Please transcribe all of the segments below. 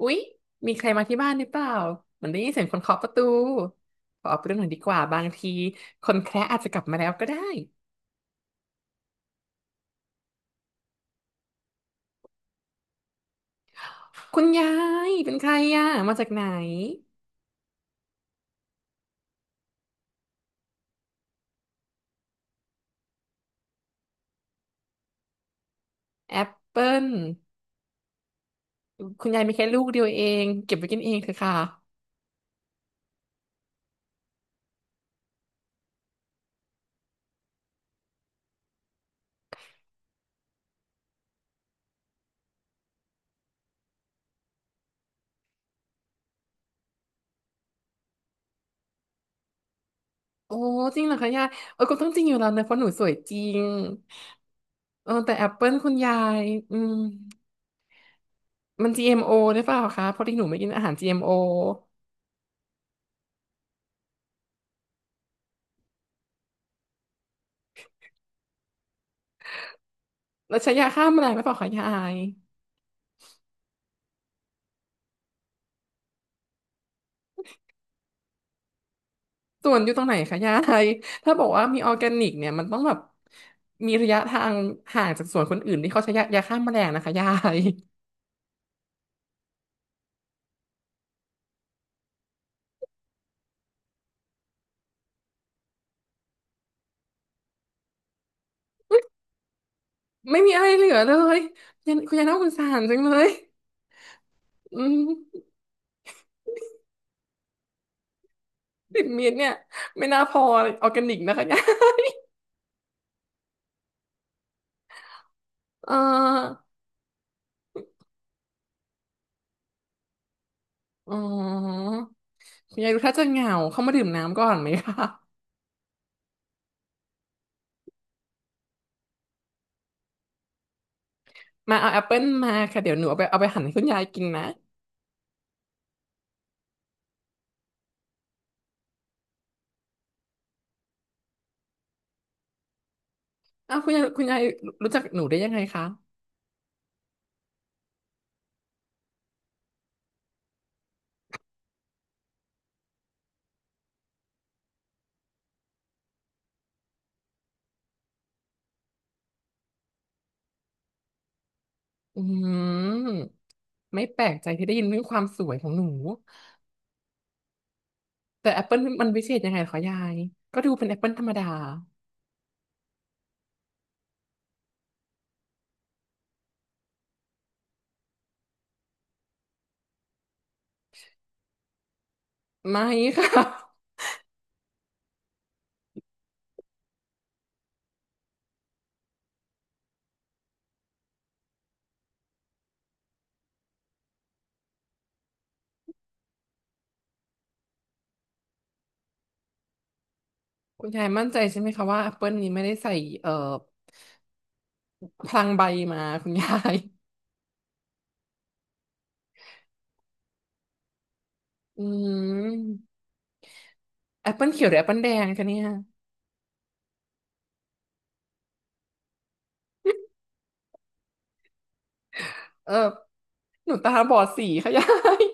อุ๊ยมีใครมาที่บ้านหรือเปล่าเหมือนได้ยินเสียงคนเคาะประตูขอออกไปดูหน่อยดีกว่าบางทีคนแคระอาจจะกลับมาแล้วก็ได้คุณยายเป็นใครอ่ะมาจากไหนแอปเปิลคุณยายมีแค่ลูกเดียวเองเก็บไว้กินเองเถอะค่ะโอ้จริงเหรอคะยายเออก็ต้องจริงอยู่แล้วเนอะเพราะหนูสวยจริงเออแต่แอปเปิลคุณยายอืมมัน GMO หรือเปล่าคะเพราะที่หนูไม่กินอาหาร GMO แล้วใช้ยาฆ่าแมลงหรือเปล่าคะยาย สวนอยู่ตรงไหนคะยายถ้าบอกว่ามีออร์แกนิกเนี่ยมันต้องแบบมีระยะทางห่างจากสวนคนอื่นที่เขาใช้ยาฆ่าแมลงนะคะยาย ไม่มีอะไรเหลือเลยยันคุณยายน่าสงสารจังเลยอืม10 เมตรเนี่ยไม่น่าพอออร์แกนิกนะคะยาย เอออ๋อคุณยายดูถ้าจะเหงาเข้ามาดื่มน้ำก่อนไหมคะมาเอาแอปเปิลมาค่ะเดี๋ยวหนูเอาไปหั่นให้คุณยายกินนะอ้าวคุณยายคุณยายรู้จักหนูได้ยังไงคะ อืมไม่แปลกใจที่ได้ยินเรื่องความสวยของหนูแต่แอปเปิลมันวิเศษยังไงเหรอคะยายก็ดูเป็นแอปเปิลธรรมดาไม่ค่ะ คุณยายมั่นใจใช่ไหมคะว่าแอปเปิลนี้ไม่ได้ใส่เอ่อพลังใบมาคุณยาย อืมแอปเปิลเขียวหรือแอปเปิลแดงคะเนี่ยเออหนูตาบอดสีค่ะยาย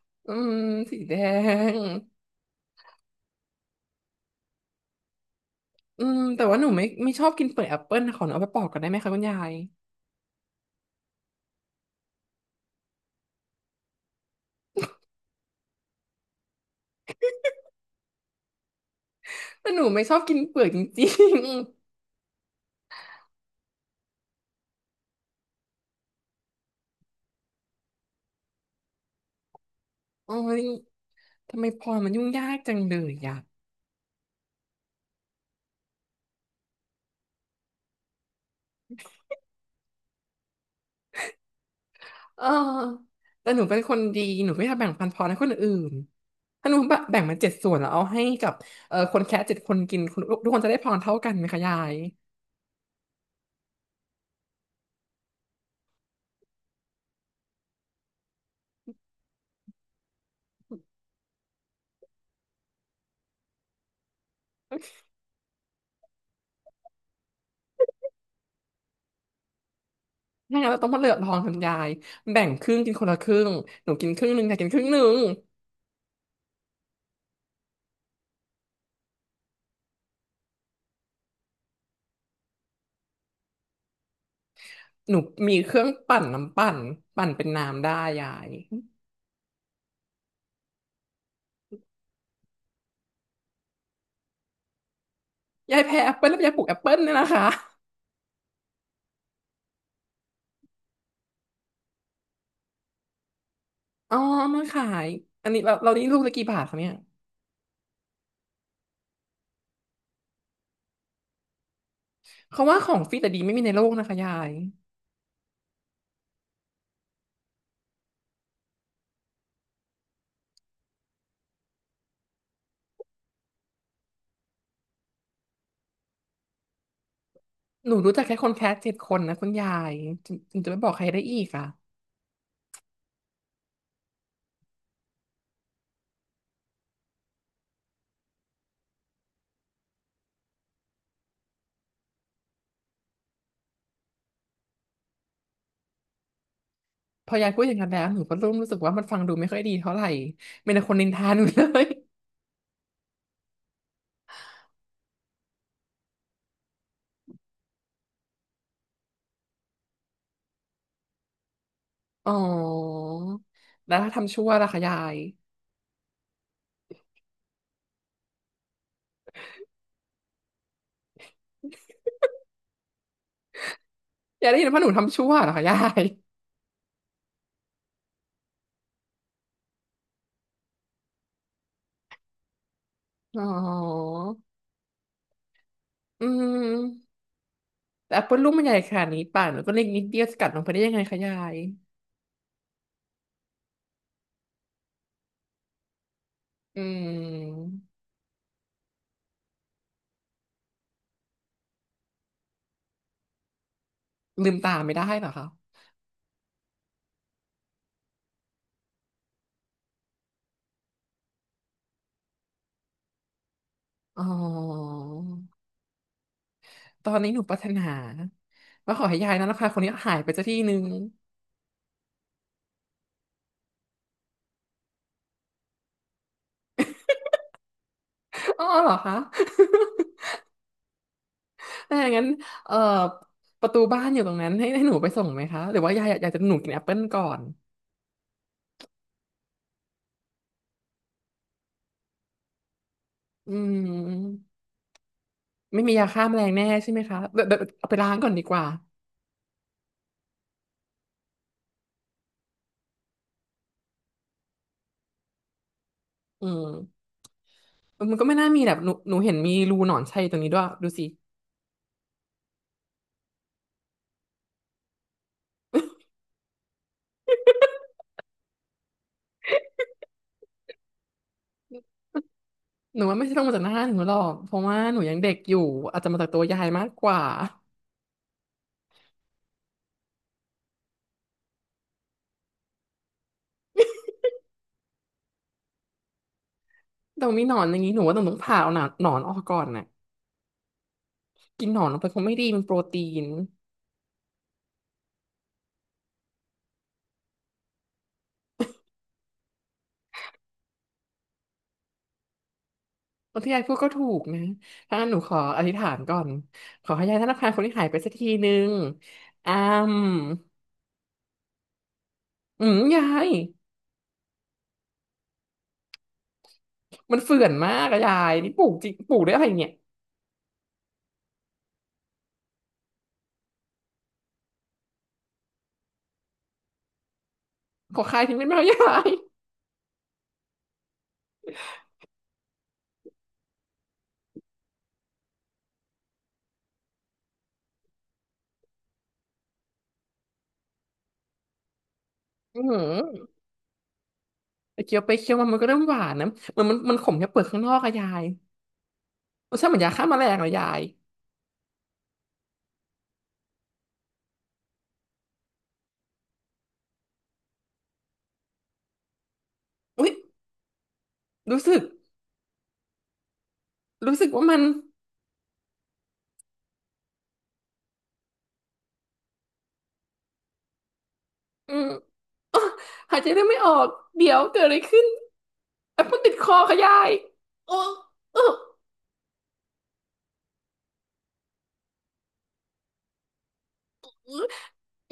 อืมสีแดงแต่ว่าหนูไม่ชอบกินเปลือกแอปเปิลนะขอหนูเอาไปปอกก่อนได้ไหมคะคุณยายแต่หนูไม่ชอบกินเปลือกจริงๆ โอ้ย ทำไมพรมันยุ่งยากจังเลยอ่ะเออแต่หนูเป็นคนดี หนูไม่ทำแบ่งปันพรให้คนอื่นถ้าหนูแบ่งมัน7 ส่วนแล้วเอาให้กับคนแค่เจ็ดคนกินคนทุกคนจะได้พรเท่ากันไหมคะยายถ้างั้นเราต้องมาเลือกพรคนยายแบ่งครึ่งกินคนละครึ่งหนูกินครึ่งหนึ่งยายกินครึ่งหนึ่งหนูมีเครื่องปั่นน้ำปั่นเป็นน้ำได้ยายยายแพ้แอปเปิ้ลแล้วยายปลูกแอปเปิ้ลเนี่ยนะคะอ๋อมาขายอันนี้เรานี่ลูกละกี่บาทคะเนี่ยเขาว่าของฟรีแต่ดีไม่มีในโลกนะคะยาย หนูรู้จักแค่คนแคส7 คนนะคุณยายถึงจะไม่บอกใครได้อีกอ่ะพอยายพูดอย่างนั้นแล้วหนูก็เริ่มรู้สึกว่ามันฟังดูไม่ค่อยดีเท่าไหร่มีแต่คนนินทาหนูเลย อ๋อแล้วถ้าทำชั่วล่ะคะยายยายได้ยินว่าหนูทำชั่วเหรอคะยาย อ๋ออืมแต่แอปเปิลลูกมันใหญ่ขนาดนี้ป่านหนูก็เล็กนิดเดียวจะกัดลงไปได้ยังไงคะยายอืมลืมตาไม่ได้เหรอคะอ๋อตอนนี้หนูปรารถนาว่าขอให้ยายนั้นราคาคนนี้หายไปสักทีนึง อ๋อเหรอคะ ถ้าอย่างนั้นเอ่อประตูบ้านอยู่ตรงนั้นให้หนูไปส่งไหมคะหรือว่ายายอยากจะหนูกินแอปเปิลก่อนอืมไม่มียาฆ่าแมลงแน่ใช่ไหมคะเดี๋ยวเอาไปล้างก่อนดีกว่าอืมมันก็ไม่น่ามีแบบหนูเห็นมีรูหนอนชัยตรงนี้ด้วยดูสิหนูว่าไม่ใช่ลงมาจากหน้าหนูหรอกเพราะว่าหนูยังเด็กอยู่อาจจะมาจากตัวยายมากกว่าแต่มีหนอนอย่างนี้หนูว่าต้องผ่าเอาหนอนออกก่อนน่ะกินหนอนลงไปคงไม่ดีมันโปรตีน ที่ยายพูดก็ถูกนะ ถ้างั้นหนูขออธิษฐานก่อนขอให้ยายธนาคารคนที่หายไปสักทีนึงอ้ามอืมยายมันเฟื่อนมากอะยายนี่ปลูกจริงปลูกได้อะไรเนี่ยขอคายทิ้งได้ไหมอะยายอืมไปเคี้ยวไปเคี้ยวมามันก็เริ่มหวานนะเหมือนมันขมแค่เปลือกข้างนอกอะยายรสชาติเหมือนยาฆ่าแมลงเลยยายอุ้ยรู้สึกรู้สึกว่ามันอืมอ๊ะหายใจได้ไม่ออกเดี๋ยวเกิดอะไรขึ้นแอปเปิลติดคอค่ะยายโอ้เออ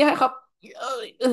ยายครับเออเออ